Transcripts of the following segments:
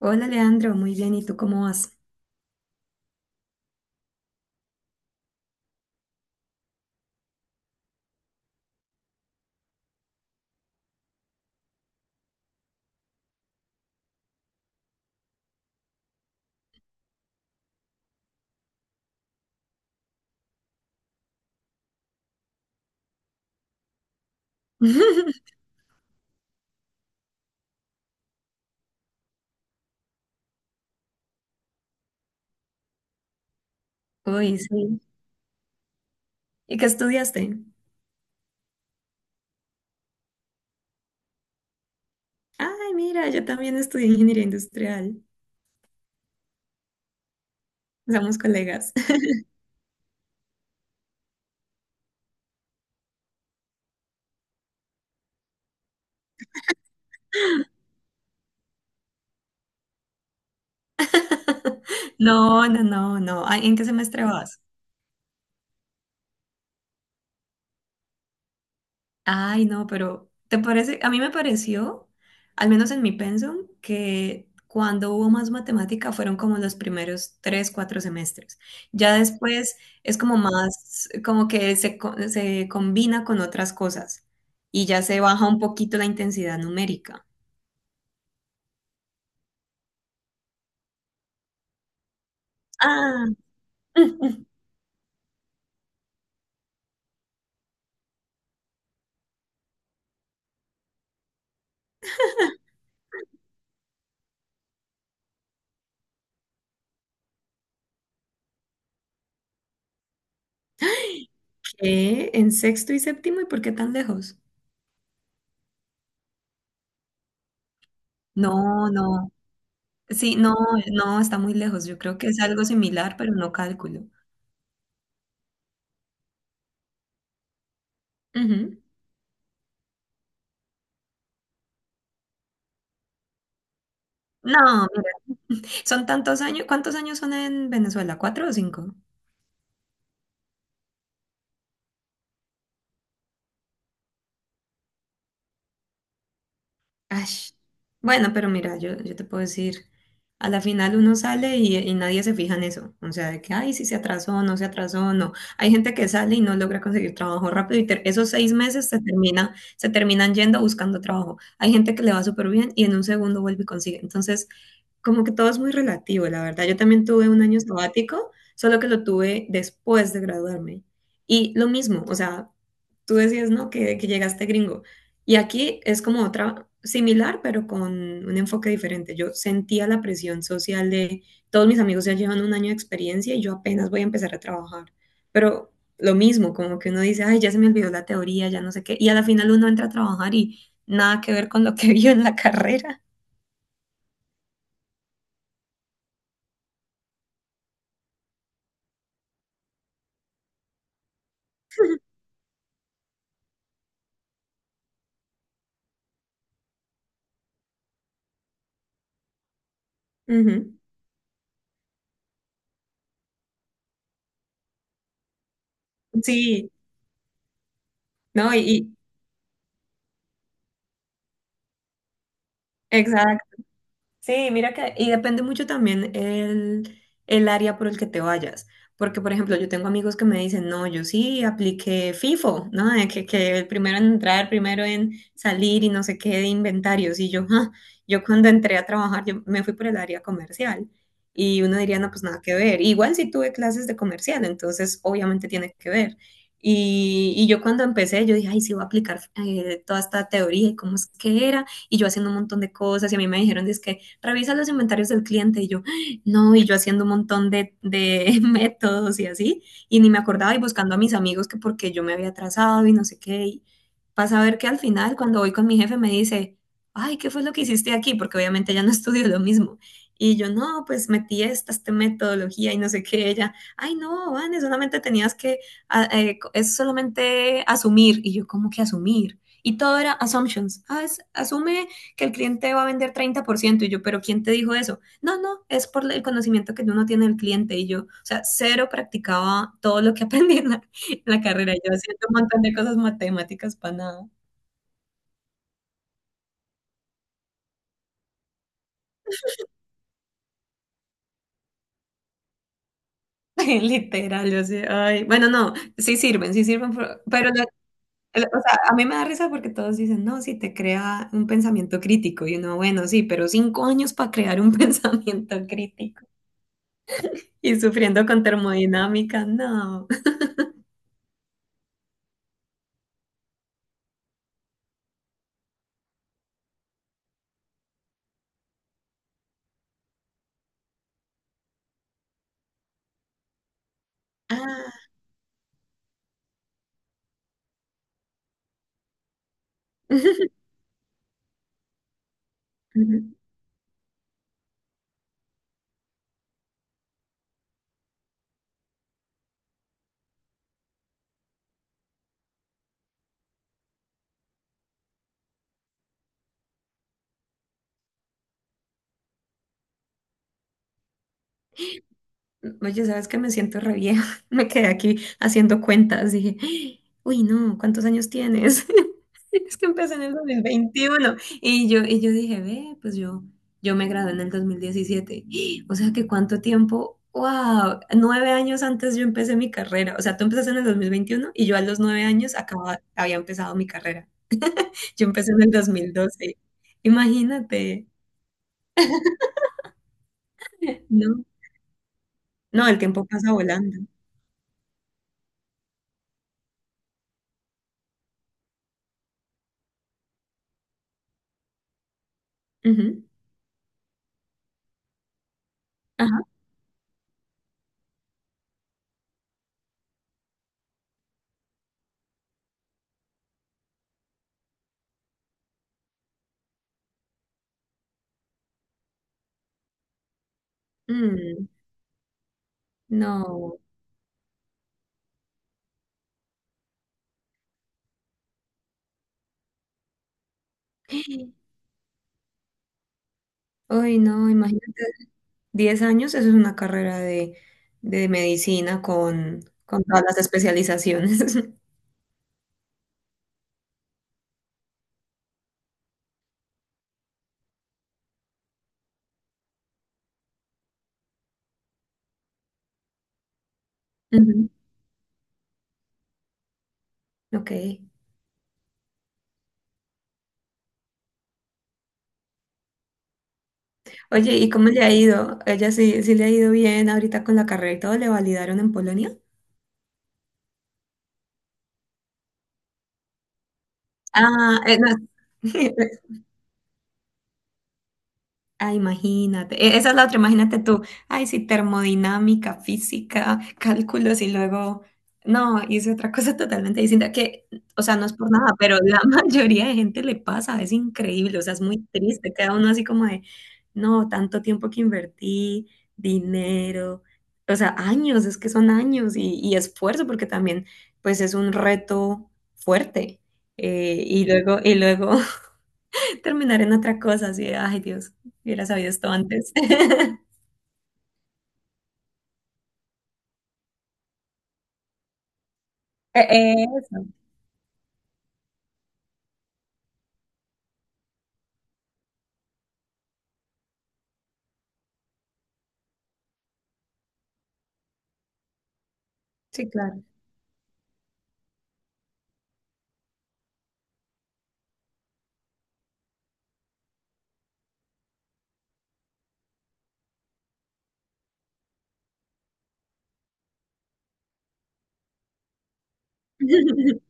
Hola Leandro, muy bien, ¿y tú cómo vas? Uy, sí. ¿Y qué estudiaste? Ay, mira, yo también estudié ingeniería industrial. Somos colegas. No, no, no, no. Ay, ¿en qué semestre vas? Ay, no, pero ¿te parece? A mí me pareció, al menos en mi pensum, que cuando hubo más matemática fueron como los primeros 3, 4 semestres. Ya después es como más, como que se combina con otras cosas y ya se baja un poquito la intensidad numérica. Ah, ¿qué? ¿En sexto y séptimo? ¿Y por qué tan lejos? No, no. Sí, no, no, está muy lejos. Yo creo que es algo similar, pero no cálculo. Ujú. No, son tantos años. ¿Cuántos años son en Venezuela? ¿4 o 5? Ash. Bueno, pero mira, yo te puedo decir, a la final uno sale y nadie se fija en eso. O sea, de que, ay, si se atrasó, no se atrasó, no. Hay gente que sale y no logra conseguir trabajo rápido y esos 6 meses se termina, se terminan yendo buscando trabajo. Hay gente que le va súper bien y en un segundo vuelve y consigue. Entonces, como que todo es muy relativo, la verdad. Yo también tuve un año sabático, solo que lo tuve después de graduarme. Y lo mismo, o sea, tú decías, ¿no? Que llegaste gringo. Y aquí es como otra similar, pero con un enfoque diferente. Yo sentía la presión social de todos mis amigos ya llevan un año de experiencia y yo apenas voy a empezar a trabajar. Pero lo mismo, como que uno dice, ay, ya se me olvidó la teoría, ya no sé qué. Y a la final uno entra a trabajar y nada que ver con lo que vio en la carrera. Ujú. Sí, ¿no? Exacto. Sí, mira que, y depende mucho también el área por el que te vayas. Porque, por ejemplo, yo tengo amigos que me dicen, no, yo sí apliqué FIFO, ¿no? De que el primero en entrar, primero en salir y no sé qué de inventarios. Y yo, "Ah". Yo cuando entré a trabajar, yo me fui por el área comercial. Y uno diría, no, pues nada que ver. Igual sí tuve clases de comercial, entonces obviamente tiene que ver. Y yo cuando empecé, yo dije, ay, sí, voy a aplicar toda esta teoría y cómo es que era. Y yo haciendo un montón de cosas y a mí me dijeron, es que revisa los inventarios del cliente y yo, no, y yo haciendo un montón de métodos y así, y ni me acordaba y buscando a mis amigos que porque yo me había atrasado y no sé qué, y pasa a ver que al final cuando voy con mi jefe me dice, ay, ¿qué fue lo que hiciste aquí? Porque obviamente ya no estudio lo mismo. Y yo, no, pues metí esta metodología y no sé qué, ella, ay, no, Vane, solamente tenías que, es solamente asumir. Y yo, ¿cómo que asumir? Y todo era assumptions. Ah, asume que el cliente va a vender 30% y yo, pero ¿quién te dijo eso? No, no, es por el conocimiento que uno tiene del cliente y yo, o sea, cero practicaba todo lo que aprendí en en la carrera, yo haciendo un montón de cosas matemáticas para nada. Literal, yo sé, ay, bueno, no, sí sirven, pero o sea, a mí me da risa porque todos dicen, no, sí te crea un pensamiento crítico, y uno, bueno, sí, pero 5 años para crear un pensamiento crítico y sufriendo con termodinámica, no. Ah. Oye, ¿sabes que Me siento re vieja. Me quedé aquí haciendo cuentas. Dije, "Ay, uy, no, ¿cuántos años tienes?" Es que empecé en el 2021. Y yo dije, ve, pues yo me gradué en el 2017. O sea que cuánto tiempo, wow, 9 años antes yo empecé mi carrera. O sea, tú empezaste en el 2021 y yo a los 9 años acababa, había empezado mi carrera. Yo empecé en el 2012. Imagínate. No, no, el tiempo pasa volando. Ujú. Ajá. No. Ay, no, imagínate, 10 años, eso es una carrera de medicina con todas las especializaciones. Ujú, ok. Oye, ¿y cómo le ha ido? ¿Ella sí, sí le ha ido bien ahorita con la carrera y todo? ¿Le validaron en Polonia? Ah, no. Ah, imagínate. Esa es la otra, imagínate tú. Ay, sí, termodinámica, física, cálculos y luego, no, hice otra cosa totalmente distinta que, o sea, no es por nada, pero la mayoría de gente le pasa, es increíble, o sea, es muy triste, queda uno así como de, no, tanto tiempo que invertí, dinero, o sea, años, es que son años y esfuerzo porque también, pues es un reto fuerte. Y luego, y luego terminar en otra cosa, así de, ay Dios, hubiera sabido esto antes. Eh, Eso, sí, claro. Ujú.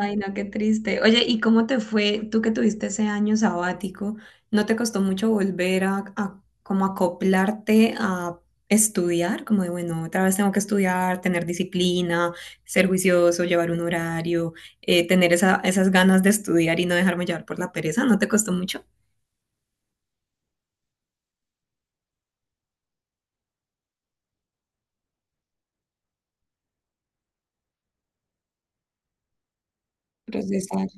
Ay, no, qué triste. Oye, ¿y cómo te fue tú que tuviste ese año sabático? ¿No te costó mucho volver a como acoplarte a estudiar? Como de, bueno, otra vez tengo que estudiar, tener disciplina, ser juicioso, llevar un horario, tener esas ganas de estudiar y no dejarme llevar por la pereza. ¿No te costó mucho? Procesar.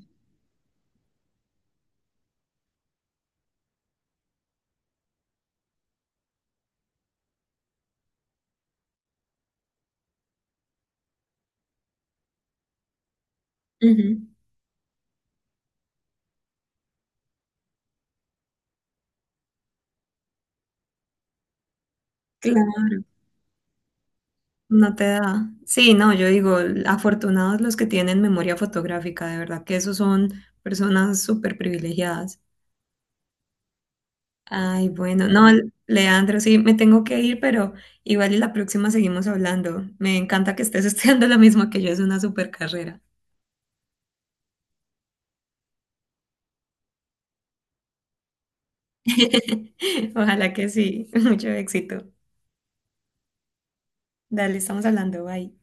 Ujú. Claro. No te da. Sí, no, yo digo, afortunados los que tienen memoria fotográfica, de verdad que esos son personas súper privilegiadas. Ay, bueno, no, Leandro, sí, me tengo que ir, pero igual y la próxima seguimos hablando. Me encanta que estés estudiando lo mismo que yo, es una súper carrera. Ojalá que sí, mucho éxito. Dale, estamos hablando, bye.